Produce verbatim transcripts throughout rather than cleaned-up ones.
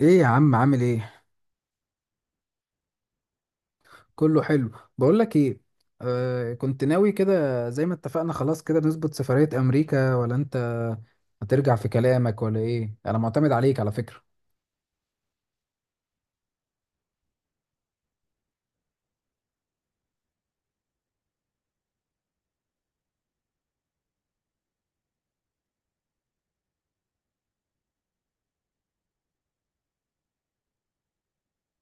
ايه يا عم، عامل ايه؟ كله حلو. بقول لك ايه، آه كنت ناوي كده زي ما اتفقنا، خلاص كده نظبط سفرية امريكا، ولا انت هترجع في كلامك ولا ايه؟ انا معتمد عليك على فكرة.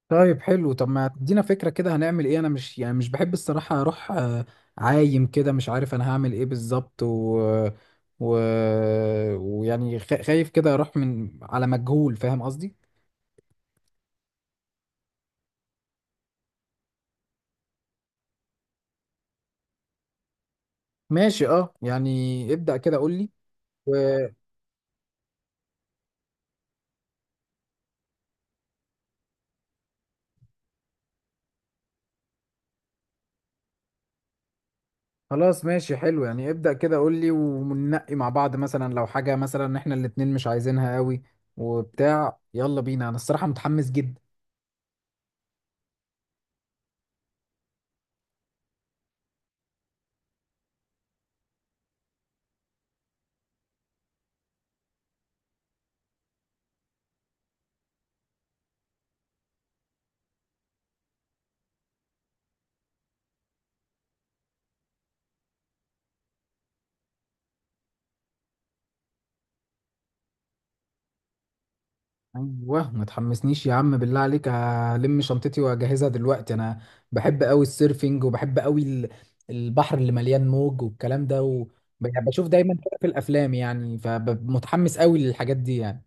طيب حلو. طب ما تدينا فكرة كده، هنعمل ايه؟ انا مش، يعني مش بحب الصراحة اروح، آه عايم كده، مش عارف انا هعمل ايه بالظبط. و... و... ويعني خ- خايف كده اروح من على مجهول، فاهم قصدي؟ ماشي، اه، يعني ابدأ كده قول لي. خلاص ماشي حلو. يعني ابدأ كده قول لي وننقي مع بعض، مثلا لو حاجة مثلا احنا الاتنين مش عايزينها قوي وبتاع. يلا بينا، انا الصراحة متحمس جدا. ايوه، ما تحمسنيش يا عم، بالله عليك هلم شنطتي واجهزها دلوقتي. انا بحب قوي السيرفينج، وبحب قوي ال- البحر اللي مليان موج والكلام ده و... يعني بشوف دايما كده في الافلام، يعني فمتحمس قوي للحاجات دي يعني.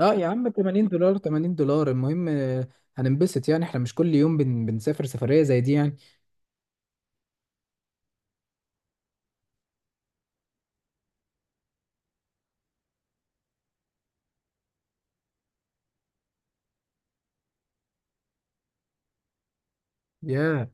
اه يا عم، ثمانين دولار، ثمانين دولار، المهم آه، هننبسط يعني، احنا مش كل يوم بن... بنسافر سفرية زي دي يعني. ياه،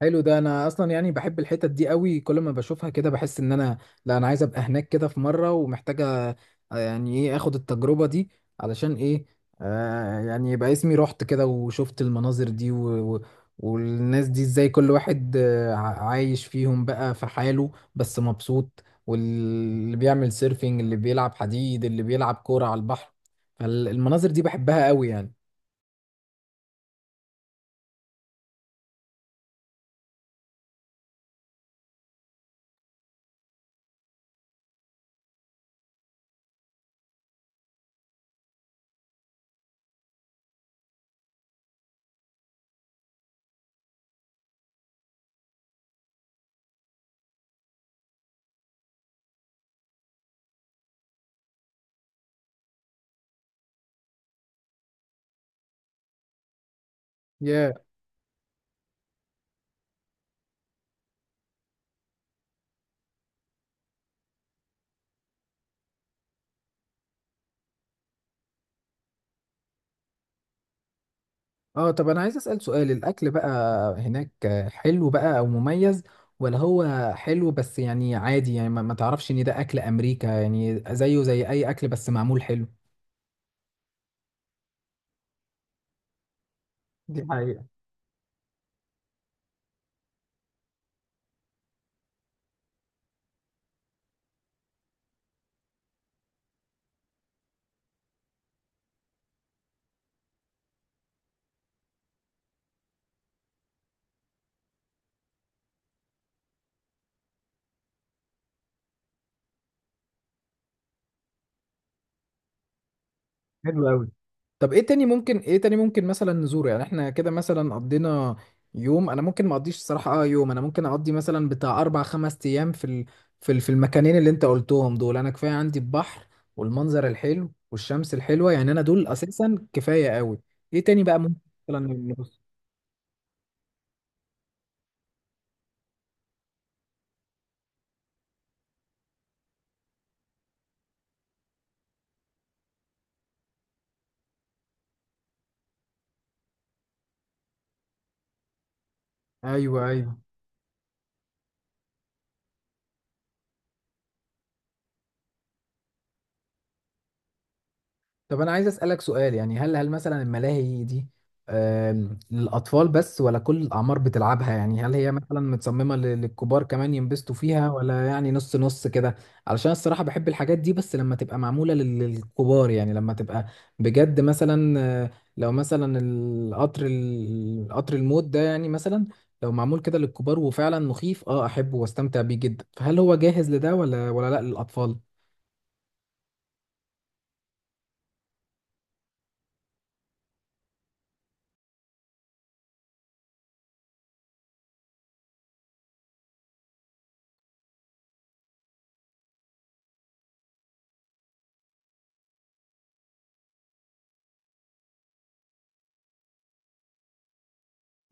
حلو ده. انا اصلا يعني بحب الحتت دي قوي، كل ما بشوفها كده بحس ان انا، لا، انا عايز ابقى هناك كده في مره، ومحتاجه آه، يعني ايه اخد التجربه دي. علشان ايه؟ آه يعني يبقى اسمي رحت كده وشفت المناظر دي، و و والناس دي ازاي، كل واحد آه، ع- عايش فيهم بقى في حاله بس مبسوط، واللي بيعمل سيرفينج، اللي بيلعب حديد، اللي بيلعب كوره على البحر. فالمناظر دي بحبها قوي يعني. Yeah. اه، طب انا عايز اسال سؤال، الاكل بقى هناك حلو بقى او مميز، ولا هو حلو بس يعني عادي، يعني ما ما تعرفش ان ده اكل امريكا يعني، زيه زي اي اكل بس معمول حلو؟ دي حقيقة. حلو قوي. طب، ايه تاني ممكن ايه تاني ممكن مثلا نزوره؟ يعني احنا كده مثلا قضينا يوم، انا ممكن ما اقضيش الصراحه، اه، يوم انا ممكن اقضي مثلا بتاع اربع خمس ايام في ال... في ال... في المكانين اللي انت قلتهم دول. انا كفايه عندي البحر والمنظر الحلو والشمس الحلوه، يعني انا دول اساسا كفايه قوي. ايه تاني بقى ممكن مثلا نبص؟ ايوه، ايوه. طب انا عايز اسالك سؤال، يعني هل هل مثلا الملاهي دي آم، للاطفال بس، ولا كل الاعمار بتلعبها؟ يعني هل هي مثلا متصممه ل- للكبار كمان ينبسطوا فيها، ولا يعني نص نص كده؟ علشان الصراحه بحب الحاجات دي بس لما تبقى معموله لل- للكبار، يعني لما تبقى بجد مثلا، آه، لو مثلا القطر، ال- القطر الموت ده يعني، مثلا لو معمول كده للكبار وفعلا مخيف، اه احبه واستمتع بيه جدا. فهل هو جاهز لده، ولا ولا لا للاطفال؟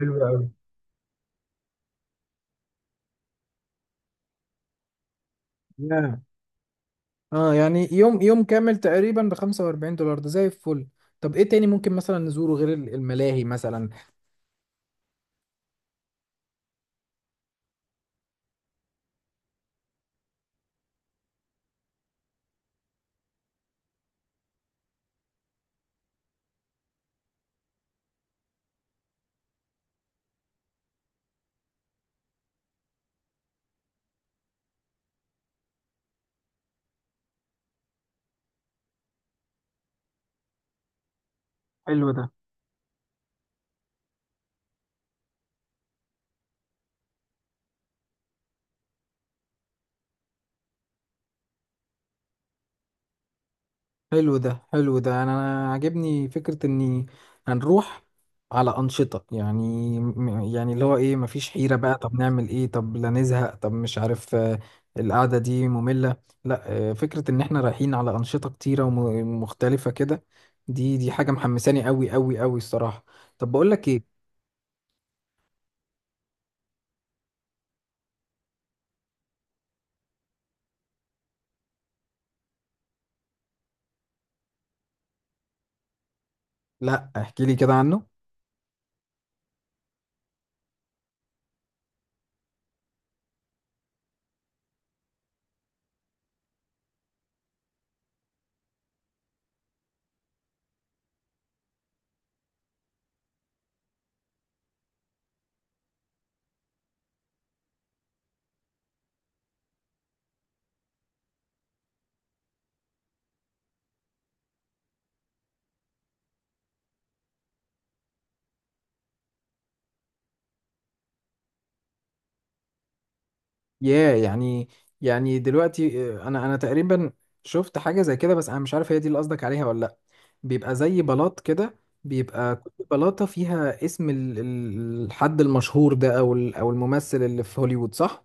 حلو قوي. اه يعني، يوم يوم كامل تقريبا ب خمسة وأربعين دولار، ده زي الفل. طب، ايه تاني ممكن مثلا نزوره غير ال- الملاهي مثلا؟ حلو ده حلو ده حلو ده انا أنا عاجبني فكرة اني هنروح على أنشطة، يعني م- يعني اللي هو ايه؟ مفيش حيرة بقى، طب نعمل ايه، طب لا نزهق، طب مش عارف آه، القعدة دي مملة. لا، آه، فكرة ان احنا رايحين على أنشطة كتيرة ومختلفة كده، دي دي حاجة محمساني قوي قوي قوي الصراحة. طب بقول لك ايه. لا، احكي لي كده عنه. ياه، يعني يعني دلوقتي، آه، انا انا تقريبا شفت حاجه زي كده، بس انا مش عارف هي دي اللي قصدك عليها ولا لا. بيبقى زي بلاط كده، بيبقى كل بلاطه فيها اسم ال- ال- الحد المشهور ده، او ال- او الممثل اللي في هوليوود، صح؟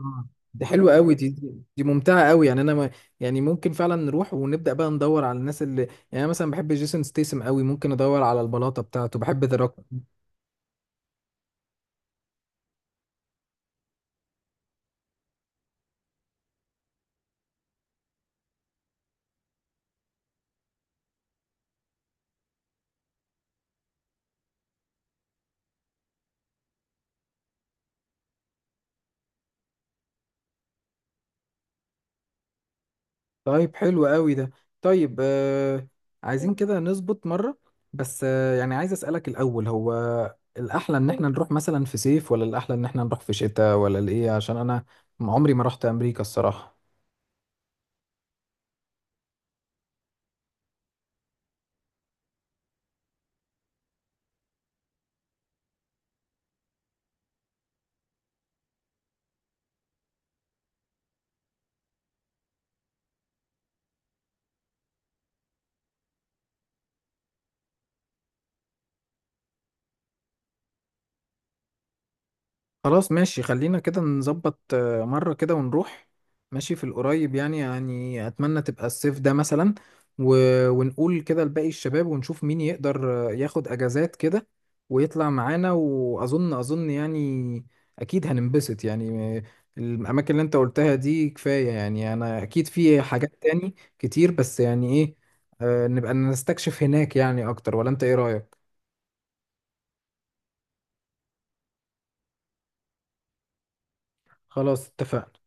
آه. دي حلوة قوي، دي دي دي ممتعة قوي يعني. انا ما يعني، ممكن فعلا نروح ونبدأ بقى ندور على الناس اللي يعني، انا مثلا بحب جيسون ستيسم قوي، ممكن ادور على البلاطة بتاعته. بحب ذا روك. طيب، حلو قوي ده. طيب، آه عايزين كده نظبط مرة، بس آه يعني عايز أسألك الأول، هو الأحلى إن إحنا نروح مثلا في صيف، ولا الأحلى إن إحنا نروح في شتاء، ولا الإيه؟ عشان أنا عمري ما رحت أمريكا الصراحة. خلاص ماشي، خلينا كده نظبط، آه، مرة كده ونروح. ماشي في القريب، يعني يعني أتمنى تبقى الصيف ده مثلا، و... ونقول كده لباقي الشباب ونشوف مين يقدر آه، ياخد أجازات كده ويطلع معانا. وأظن أظن يعني أكيد هننبسط يعني، آه، الأماكن اللي أنت قلتها دي كفاية يعني. أنا أكيد في حاجات تاني كتير، بس يعني إيه، آه، نبقى نستكشف هناك يعني أكتر، ولا أنت إيه رأيك؟ خلاص اتفقنا.